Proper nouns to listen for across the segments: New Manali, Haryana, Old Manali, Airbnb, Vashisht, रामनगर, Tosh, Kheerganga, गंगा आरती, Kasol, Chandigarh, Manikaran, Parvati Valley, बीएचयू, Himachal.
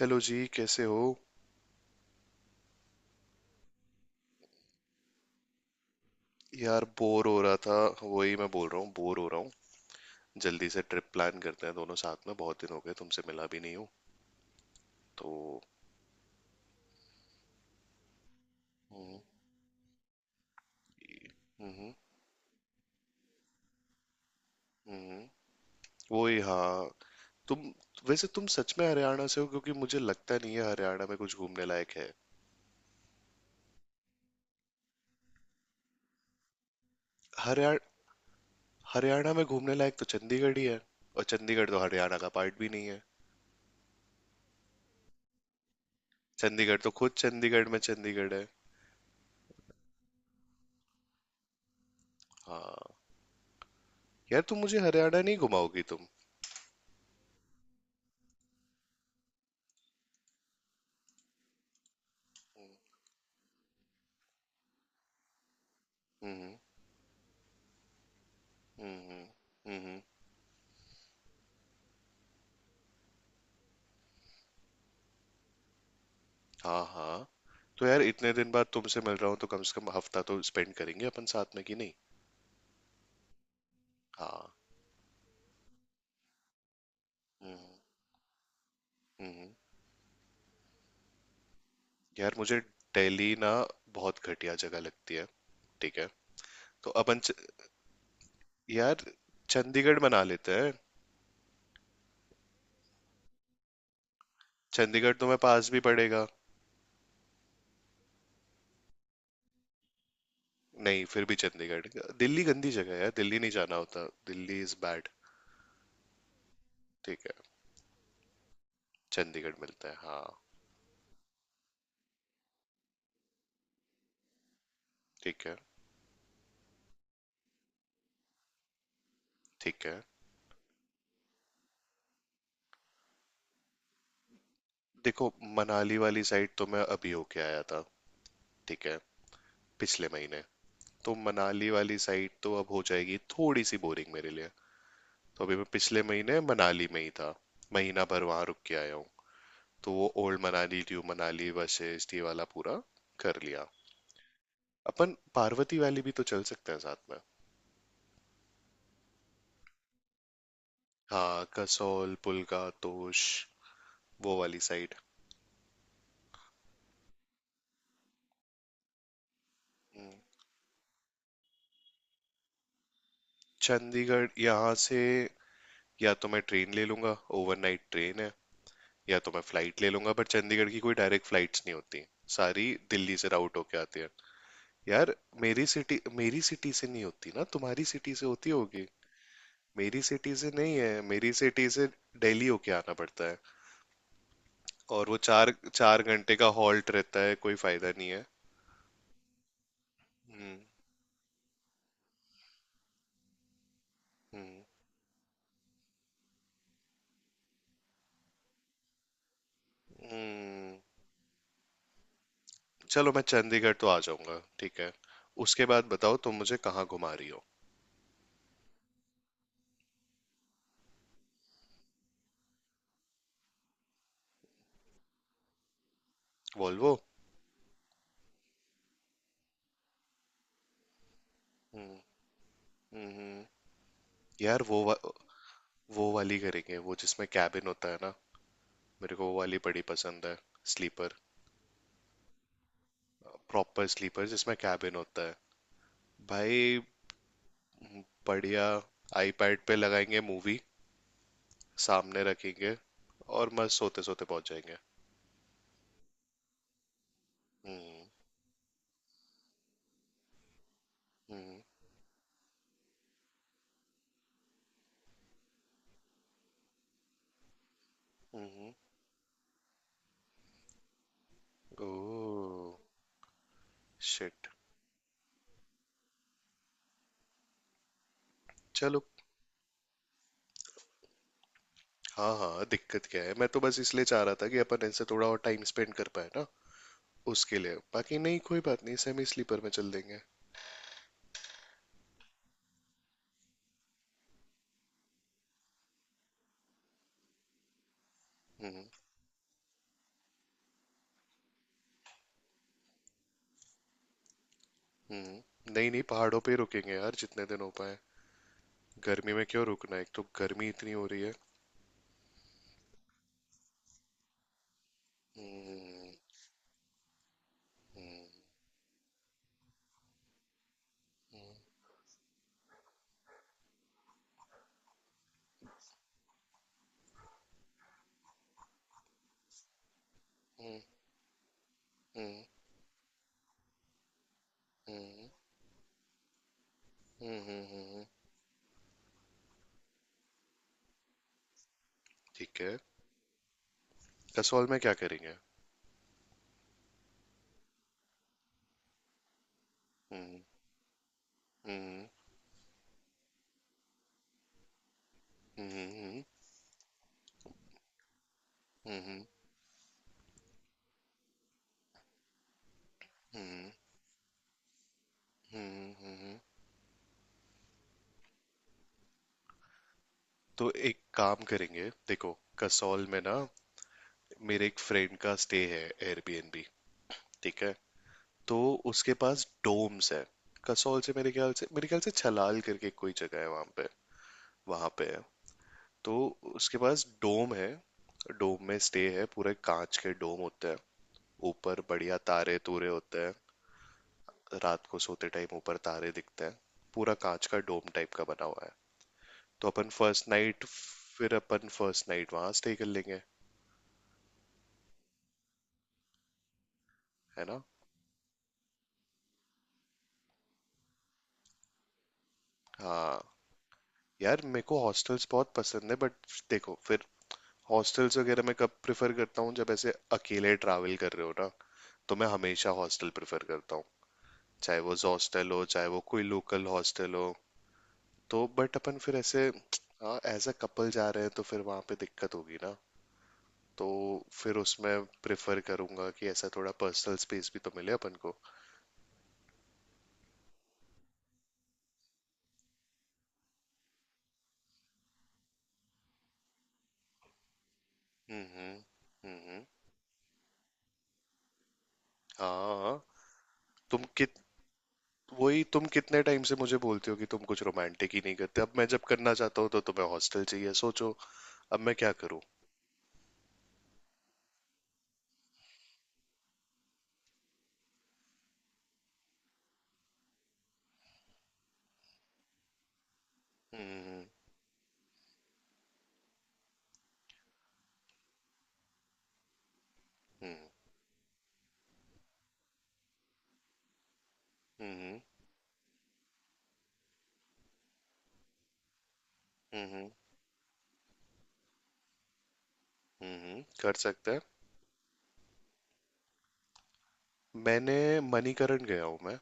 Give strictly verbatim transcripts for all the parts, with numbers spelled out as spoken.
Hello ji, कैसे हो? यार, बोर हो रहा था। वही मैं बोल रहा हूँ, बोर हो रहा हूँ। जल्दी से ट्रिप प्लान करते हैं दोनों साथ में। बहुत दिन हो गए, तुमसे मिला भी नहीं हूँ। तो। हम्म। हम्म। हम्म। वही, हाँ। तुम वैसे तुम सच में हरियाणा से हो? क्योंकि मुझे लगता नहीं है हरियाणा में कुछ घूमने लायक है। हरियाणा हरियाणा में घूमने लायक तो चंडीगढ़ ही है। और चंडीगढ़ तो हरियाणा का पार्ट भी नहीं है। चंडीगढ़ तो खुद चंडीगढ़ में चंडीगढ़ है। हाँ। यार, तुम मुझे हरियाणा नहीं घुमाओगी तुम? हम्म। हम्म। हम्म। हम्म। हाँ, हाँ। तो यार, इतने दिन बाद तुमसे मिल रहा हूँ तो कम से कम हफ्ता तो स्पेंड करेंगे अपन साथ में, कि नहीं? हाँ। हम्म। हम्म। यार, मुझे दिल्ली ना बहुत घटिया जगह लगती है। ठीक है। तो अपन च... यार चंडीगढ़ बना लेते हैं। चंडीगढ़ तुम्हें पास भी पड़ेगा। नहीं, फिर भी चंडीगढ़। दिल्ली गंदी जगह है यार, दिल्ली नहीं जाना होता, दिल्ली इज बैड। ठीक है। चंडीगढ़ मिलता है, हाँ। ठीक है। ठीक है। देखो, मनाली वाली साइड तो मैं अभी होके आया था। ठीक है। पिछले महीने। तो मनाली वाली साइड तो अब हो जाएगी थोड़ी सी बोरिंग मेरे लिए। तो अभी मैं पिछले महीने मनाली में ही था। महीना भर वहां रुक के आया हूँ। तो वो ओल्ड मनाली, न्यू मनाली, वशिष्ठ, ये वाला पूरा कर लिया। अपन पार्वती वैली भी तो चल सकते हैं साथ में। हाँ, कसौल, पुलका, तोश, वो वाली साइड। हम्म। चंडीगढ़ यहाँ से। या तो मैं ट्रेन ले लूंगा, ओवरनाइट ट्रेन है। या तो मैं फ्लाइट ले लूंगा, पर चंडीगढ़ की कोई डायरेक्ट फ्लाइट्स नहीं होती, सारी दिल्ली से राउट होके आती है। यार, मेरी सिटी मेरी सिटी से नहीं होती ना, तुम्हारी सिटी से होती होगी। मेरी सिटी से नहीं है, मेरी सिटी से। दिल्ली होके आना पड़ता है। और वो चार चार घंटे का हॉल्ट रहता है, कोई फायदा नहीं है। हम्म। हम्म। हम्म। चलो, मैं चंडीगढ़ तो आ जाऊंगा, ठीक है। उसके बाद बताओ तुम मुझे कहाँ घुमा रही हो? वॉल्वो। हम्म। हम्म। हम्म। यार, वो वा, वो वाली करेंगे, वो जिसमें कैबिन होता है ना। मेरे को वो वाली बड़ी पसंद है। स्लीपर। प्रॉपर स्लीपर जिसमें कैबिन होता है। भाई, बढ़िया। आईपैड पे लगाएंगे मूवी, सामने रखेंगे। और मस्त सोते सोते पहुंच जाएंगे। हम्म। हम्म। हम्म। हम्म। ओह। शिट। चलो। हाँ हाँ, दिक्कत क्या है, मैं तो बस इसलिए चाह रहा था कि अपन इनसे थोड़ा और टाइम स्पेंड कर पाए ना। उसके लिए बाकी नहीं, कोई बात नहीं, सेमी स्लीपर में चल देंगे। हम्म। हम्म। नहीं नहीं, पहाड़ों पे ही रुकेंगे यार, जितने दिन हो पाए। गर्मी में क्यों रुकना, एक तो गर्मी इतनी हो रही है। हम्म। हम्म। हम्म। हम्म। हम्म। हम्म। हम्म। हम्म। ठीक है। कसौल में क्या करेंगे? हम्म। हम्म। हम्म। हम्म। हम्म। हम्म। हम्म। हम्म। तो एक काम करेंगे, देखो कसौल में ना, मेरे एक फ्रेंड का स्टे है, एयरबीएनबी। ठीक है। तो उसके पास डोम्स है। कसौल से, मेरे ख्याल से मेरे ख्याल से छलाल करके कोई जगह है वहां पे, वहां पे है। तो उसके पास डोम है। डोम में स्टे है, पूरे कांच के डोम होते हैं। ऊपर बढ़िया तारे तूरे होते हैं। रात को सोते टाइम ऊपर तारे दिखते हैं। पूरा कांच का डोम टाइप का बना हुआ है। तो अपन फर्स्ट नाइट फिर अपन फर्स्ट नाइट वहां स्टे कर लेंगे। है ना। हाँ। यार, मेरे को हॉस्टल्स बहुत पसंद है, बट देखो, फिर हॉस्टल्स वगैरह मैं कब प्रेफर करता हूँ, जब ऐसे अकेले ट्रैवल कर रहे हो ना, तो मैं हमेशा हॉस्टल प्रेफर करता हूँ। चाहे वो हॉस्टल हो, चाहे वो कोई लोकल हॉस्टल हो। तो बट अपन फिर ऐसे, हाँ, एज अ कपल जा रहे हैं, तो फिर वहां पे दिक्कत होगी ना। तो फिर उसमें प्रेफर करूंगा कि ऐसा थोड़ा पर्सनल स्पेस भी तो मिले अपन को। हम्म। हम्म। हम्म। हाँ। तुम कित वही, तुम कितने टाइम से मुझे बोलती हो कि तुम कुछ रोमांटिक ही नहीं करते, अब मैं जब करना चाहता हूँ तो तुम्हें हॉस्टल चाहिए, सोचो। अब मैं क्या करूँ? हम्म। हम्म। हम्म। हम्म। हम्म। कर सकते हैं। मैंने मणिकरण गया हूँ मैं।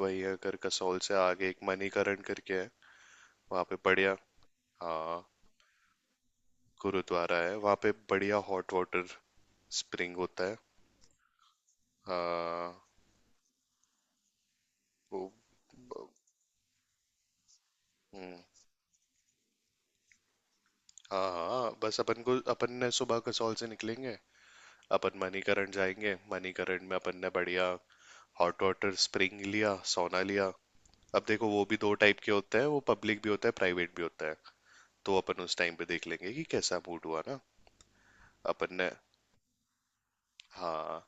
वही, अगर कसौल से आगे एक मणिकरण करके है, वहाँ पे बढ़िया। हाँ। गुरुद्वारा है वहाँ पे, बढ़िया हॉट वाटर स्प्रिंग होता है। हाँ। वो हम्म। हाँ हाँ, बस अपन को, अपन ने सुबह कसौल से निकलेंगे। अपन मणिकरण जाएंगे, मणिकरण में अपन ने बढ़िया हॉट वाटर स्प्रिंग लिया, सोना लिया। अब देखो, वो भी दो टाइप के होते हैं, वो पब्लिक भी होता है, प्राइवेट भी होता है। तो अपन उस टाइम पे देख लेंगे कि कैसा मूड हुआ ना। अपन ने हाँ,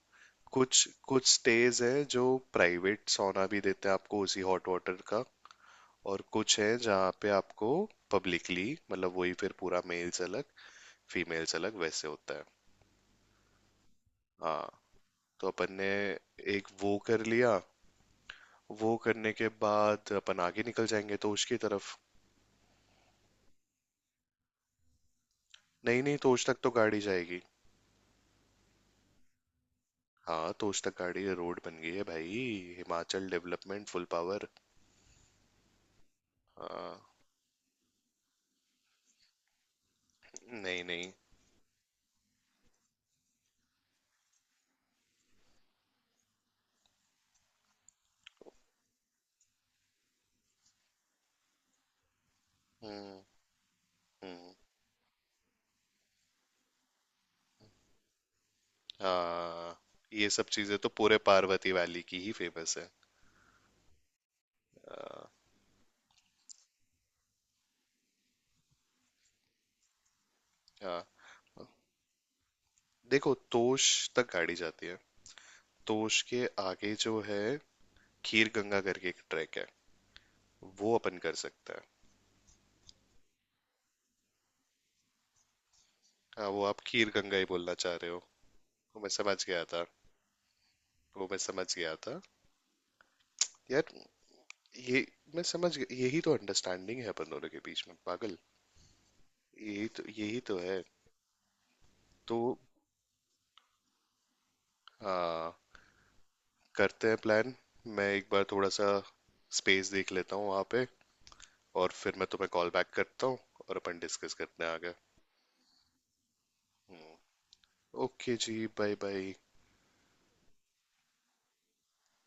कुछ कुछ स्टेज है जो प्राइवेट सोना भी देते हैं आपको उसी हॉट वाटर का। और कुछ है जहाँ पे आपको पब्लिकली, मतलब वही, फिर पूरा मेल्स अलग, फीमेल्स अलग, वैसे होता है। हाँ। तो अपन ने एक वो कर लिया। वो करने के बाद अपन आगे निकल जाएंगे तोश की तरफ। नहीं नहीं, तोश तक तो गाड़ी जाएगी। हाँ, तोश तक गाड़ी, रोड बन गई है भाई। Himachal development full power. हाँ। नहीं नहीं। हम्म। हम्म। हाँ, ये सब चीजें तो पूरे पार्वती वैली की ही फेमस है। हाँ, हाँ, देखो, तोश तक गाड़ी जाती है। तोश के आगे जो है, खीर गंगा करके एक ट्रैक है, वो अपन कर सकते। हाँ, वो आप खीर गंगा ही बोलना चाह रहे हो। वो मैं समझ गया था। वो मैं समझ गया था। यार, ये मैं समझ गया, यही तो अंडरस्टैंडिंग है अपन दोनों के बीच में, पागल। यही तो, यही तो है। तो हाँ, करते हैं प्लान। मैं एक बार थोड़ा सा स्पेस देख लेता हूँ वहाँ पे, और फिर मैं तुम्हें कॉल बैक करता हूँ, और अपन डिस्कस करते हैं आगे। Okay ji, bye bye.